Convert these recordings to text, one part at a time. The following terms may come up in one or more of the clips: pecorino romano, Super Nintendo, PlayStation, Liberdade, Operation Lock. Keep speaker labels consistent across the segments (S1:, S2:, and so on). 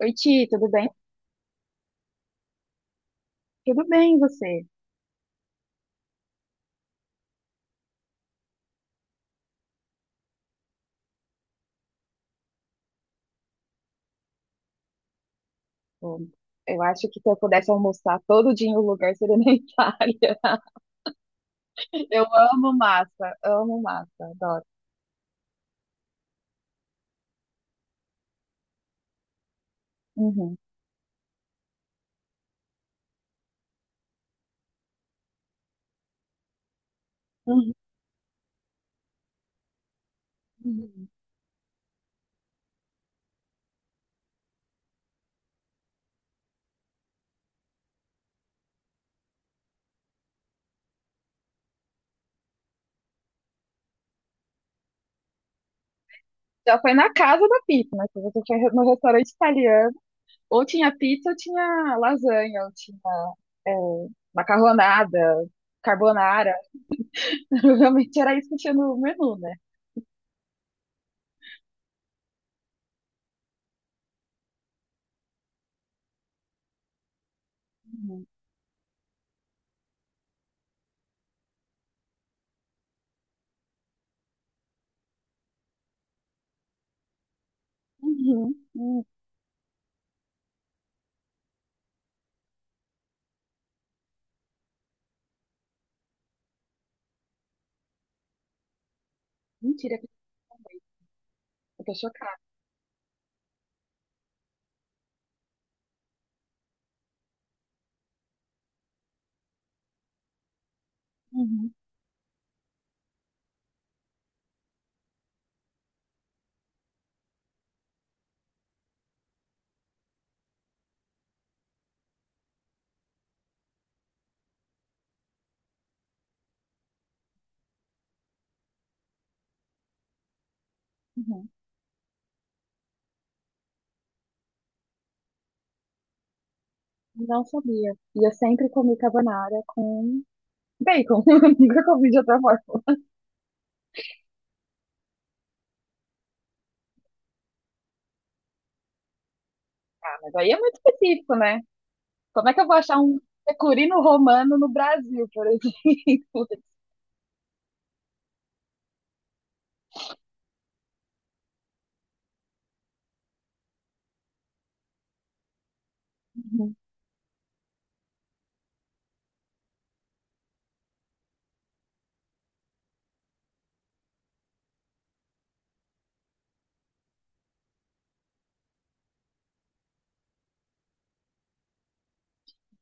S1: Oi, Ti, tudo bem? Tudo bem, e você? Bom, eu acho que se eu pudesse almoçar todo dia em um lugar, seria na Itália. Eu amo massa, adoro. Uhum. Uhum. Uhum. Já foi na casa da pizza, né? Se você foi no restaurante italiano, ou tinha pizza, ou tinha lasanha, ou tinha é, macarronada, carbonara. Realmente era isso que tinha no menu, né? Uhum. Uhum. Uhum. Mentira, eu tô chocada. Uhum. Uhum. Não sabia. E eu sempre comi carbonara com bacon. Nunca comi de outra forma. Ah, mas aí é muito específico, né? Como é que eu vou achar um pecorino romano no Brasil, por exemplo?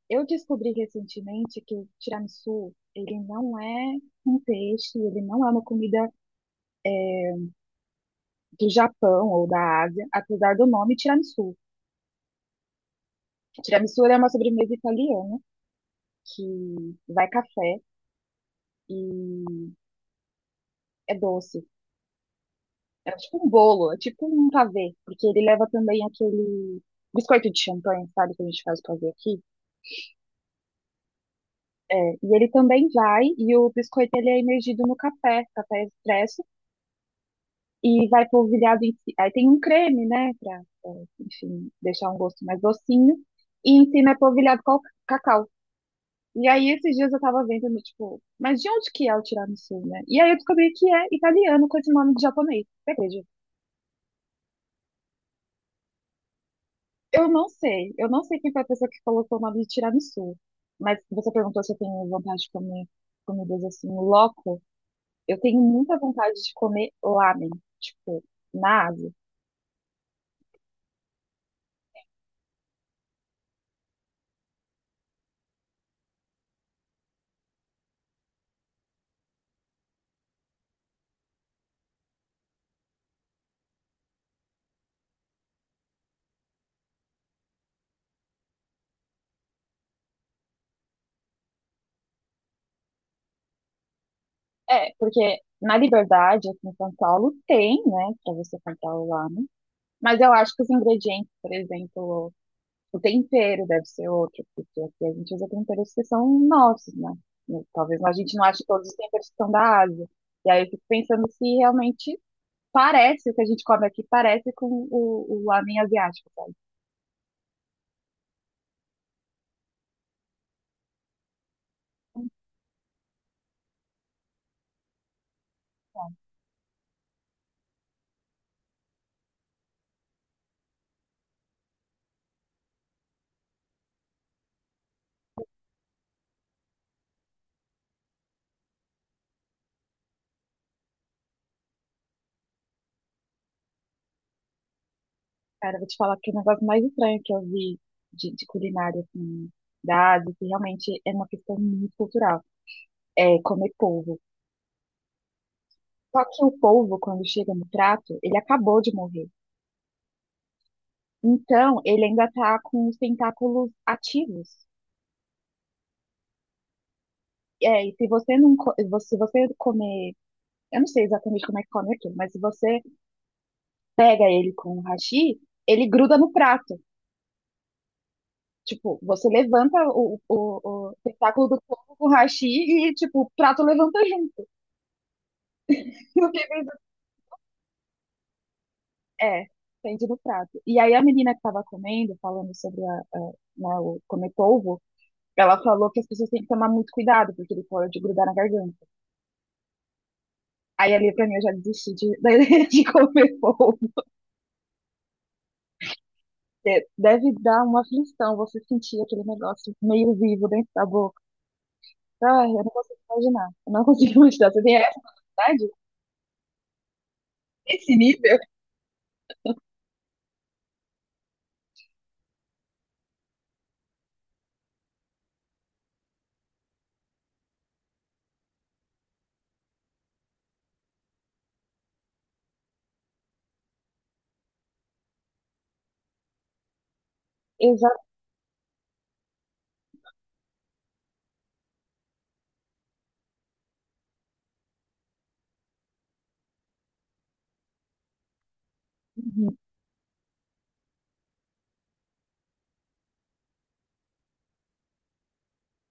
S1: Eu descobri recentemente que o tiramisu, ele não é um peixe, ele não é uma comida do Japão ou da Ásia, apesar do nome tiramisu. Tiramisu ele é uma sobremesa italiana que vai café e é doce. É tipo um bolo, é tipo um pavê, porque ele leva também aquele biscoito de champanhe, sabe, que a gente faz pavê aqui. É, e ele também vai, e o biscoito ele é imergido no café, café expresso, e vai polvilhado aí tem um creme, né, pra, enfim, deixar um gosto mais docinho, e em cima é polvilhado com cacau. E aí esses dias eu tava vendo, no, tipo, mas de onde que é o tiramisu, né? E aí eu descobri que é italiano com esse nome de japonês, você acredita? Eu não sei. Eu não sei quem foi a pessoa que colocou o nome de tiramisu. Mas você perguntou se eu tenho vontade de comer comidas assim, loco. Eu tenho muita vontade de comer lamen, tipo, na Ásia. É, porque na Liberdade, aqui em São Paulo, tem, né, pra você comprar o lamen. Mas eu acho que os ingredientes, por exemplo, o tempero deve ser outro, porque aqui a gente usa temperos que são nossos, né? Talvez a gente não ache todos os temperos que são da Ásia. E aí eu fico pensando se realmente parece, o que a gente come aqui parece com o lamen asiático, sabe? Cara, eu vou te falar que é o negócio mais estranho que eu vi de culinária, assim, da Ásia, que realmente é uma questão muito cultural. É comer polvo. Só que o polvo, quando chega no prato, ele acabou de morrer. Então, ele ainda tá com os tentáculos ativos. É, e se você comer, eu não sei exatamente como é que come aquilo, mas se você pega ele com o hashi, ele gruda no prato. Tipo, você levanta o tentáculo do coco com o hashi e, tipo, o prato levanta junto. Eu fiquei pensando, é, depende no prato. E aí a menina que tava comendo, falando sobre né, o comer polvo, ela falou que as pessoas têm que tomar muito cuidado, porque ele pode grudar na garganta. Aí ali pra mim eu já desisti de, da ideia de comer polvo. Porque deve dar uma aflição você sentir aquele negócio meio vivo dentro da boca. Ah, eu não consigo imaginar. Eu não consigo imaginar. Você tem essa capacidade? Esse nível? Exato.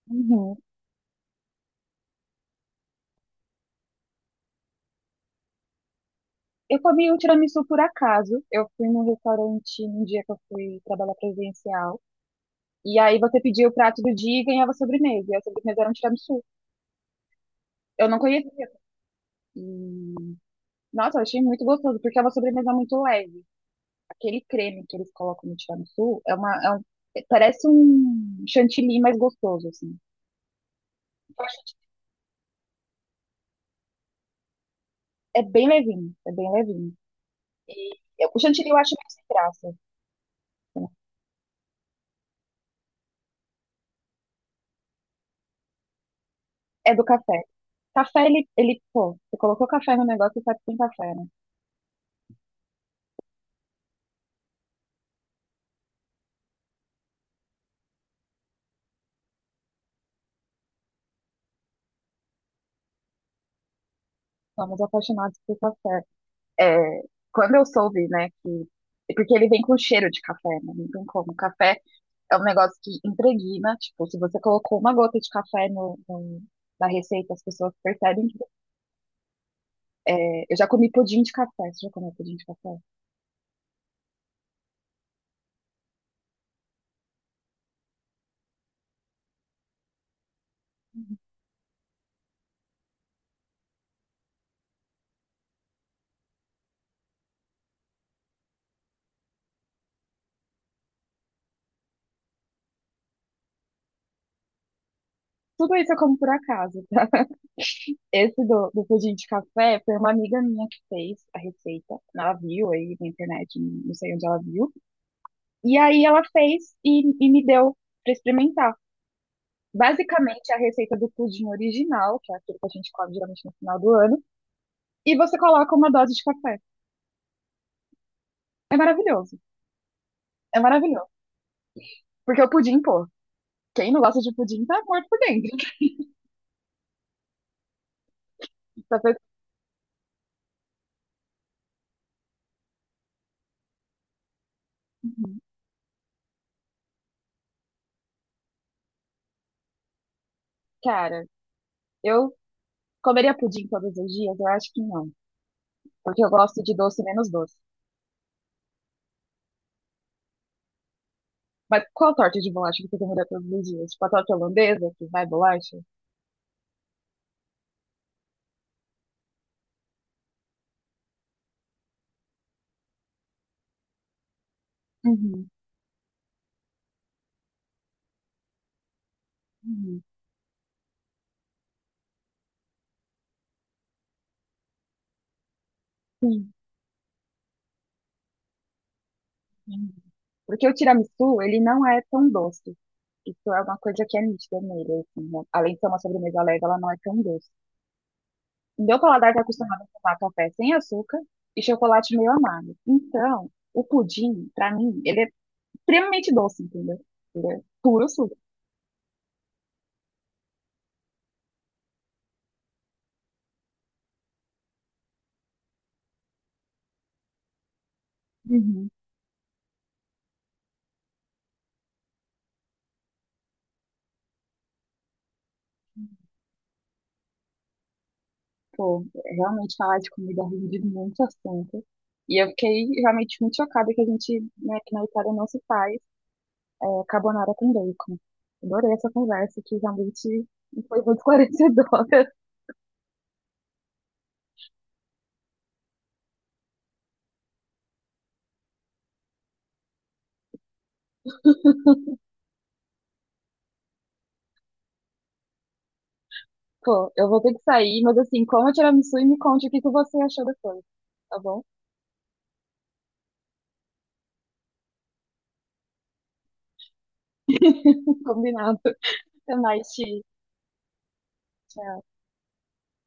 S1: Uhum. Eu comi um tiramisu por acaso. Eu fui num restaurante num dia que eu fui trabalhar presencial. E aí você pedia o prato do dia e ganhava sobremesa. E a sobremesa era um tiramisu. Eu não conhecia. E, nossa, eu achei muito gostoso, porque é uma sobremesa muito leve. Aquele creme que eles colocam no tiramisu é uma, parece um chantilly mais gostoso, assim. Eu acho que é bem levinho, é bem levinho. O chantilly eu acho mais sem graça. Né? É do café. Café, pô, você colocou café no negócio, você sabe que tem café, né? Somos apaixonados por café. É, quando eu soube, né, que. Porque ele vem com cheiro de café, né? Não tem como. Café é um negócio que impregna, tipo, se você colocou uma gota de café na receita, as pessoas percebem que. Eu já comi pudim de café. Você já comeu pudim de café? Tudo isso eu como por acaso. Esse do pudim de café foi uma amiga minha que fez a receita. Ela viu aí na internet, não sei onde ela viu. E aí ela fez e me deu para experimentar. Basicamente, a receita do pudim original, que é aquilo que a gente come geralmente no final do ano, e você coloca uma dose de café. É maravilhoso. É maravilhoso. Porque o pudim, pô, quem não gosta de pudim tá morto por dentro. Tá fe- Uhum. Cara, eu comeria pudim todos os dias? Eu acho que não. Porque eu gosto de doce menos doce. Mas qual torta de bolacha que você comeria todos os dias? Tipo a torta holandesa, que vai bolacha? Uhum, uhum, sim. Porque o tiramisu, ele não é tão doce. Isso é uma coisa que é nítida nele, assim, né? Além de ser uma sobremesa leve, ela não é tão doce. Meu paladar está acostumado a tomar café sem açúcar e chocolate meio amargo. Então, o pudim, pra mim, ele é extremamente doce, entendeu? Ele é puro suco. Uhum. Pô, realmente falar de comida rende muito assunto. E eu fiquei realmente muito chocada que a gente, né, que na Itália não se faz. Carbonara com bacon. Adorei essa conversa, que realmente foi muito esclarecedora. Pô, eu vou ter que sair, mas assim, coma tiramisu e me conte o que que você achou depois, tá bom? Combinado. Até mais, Ti. Tchau.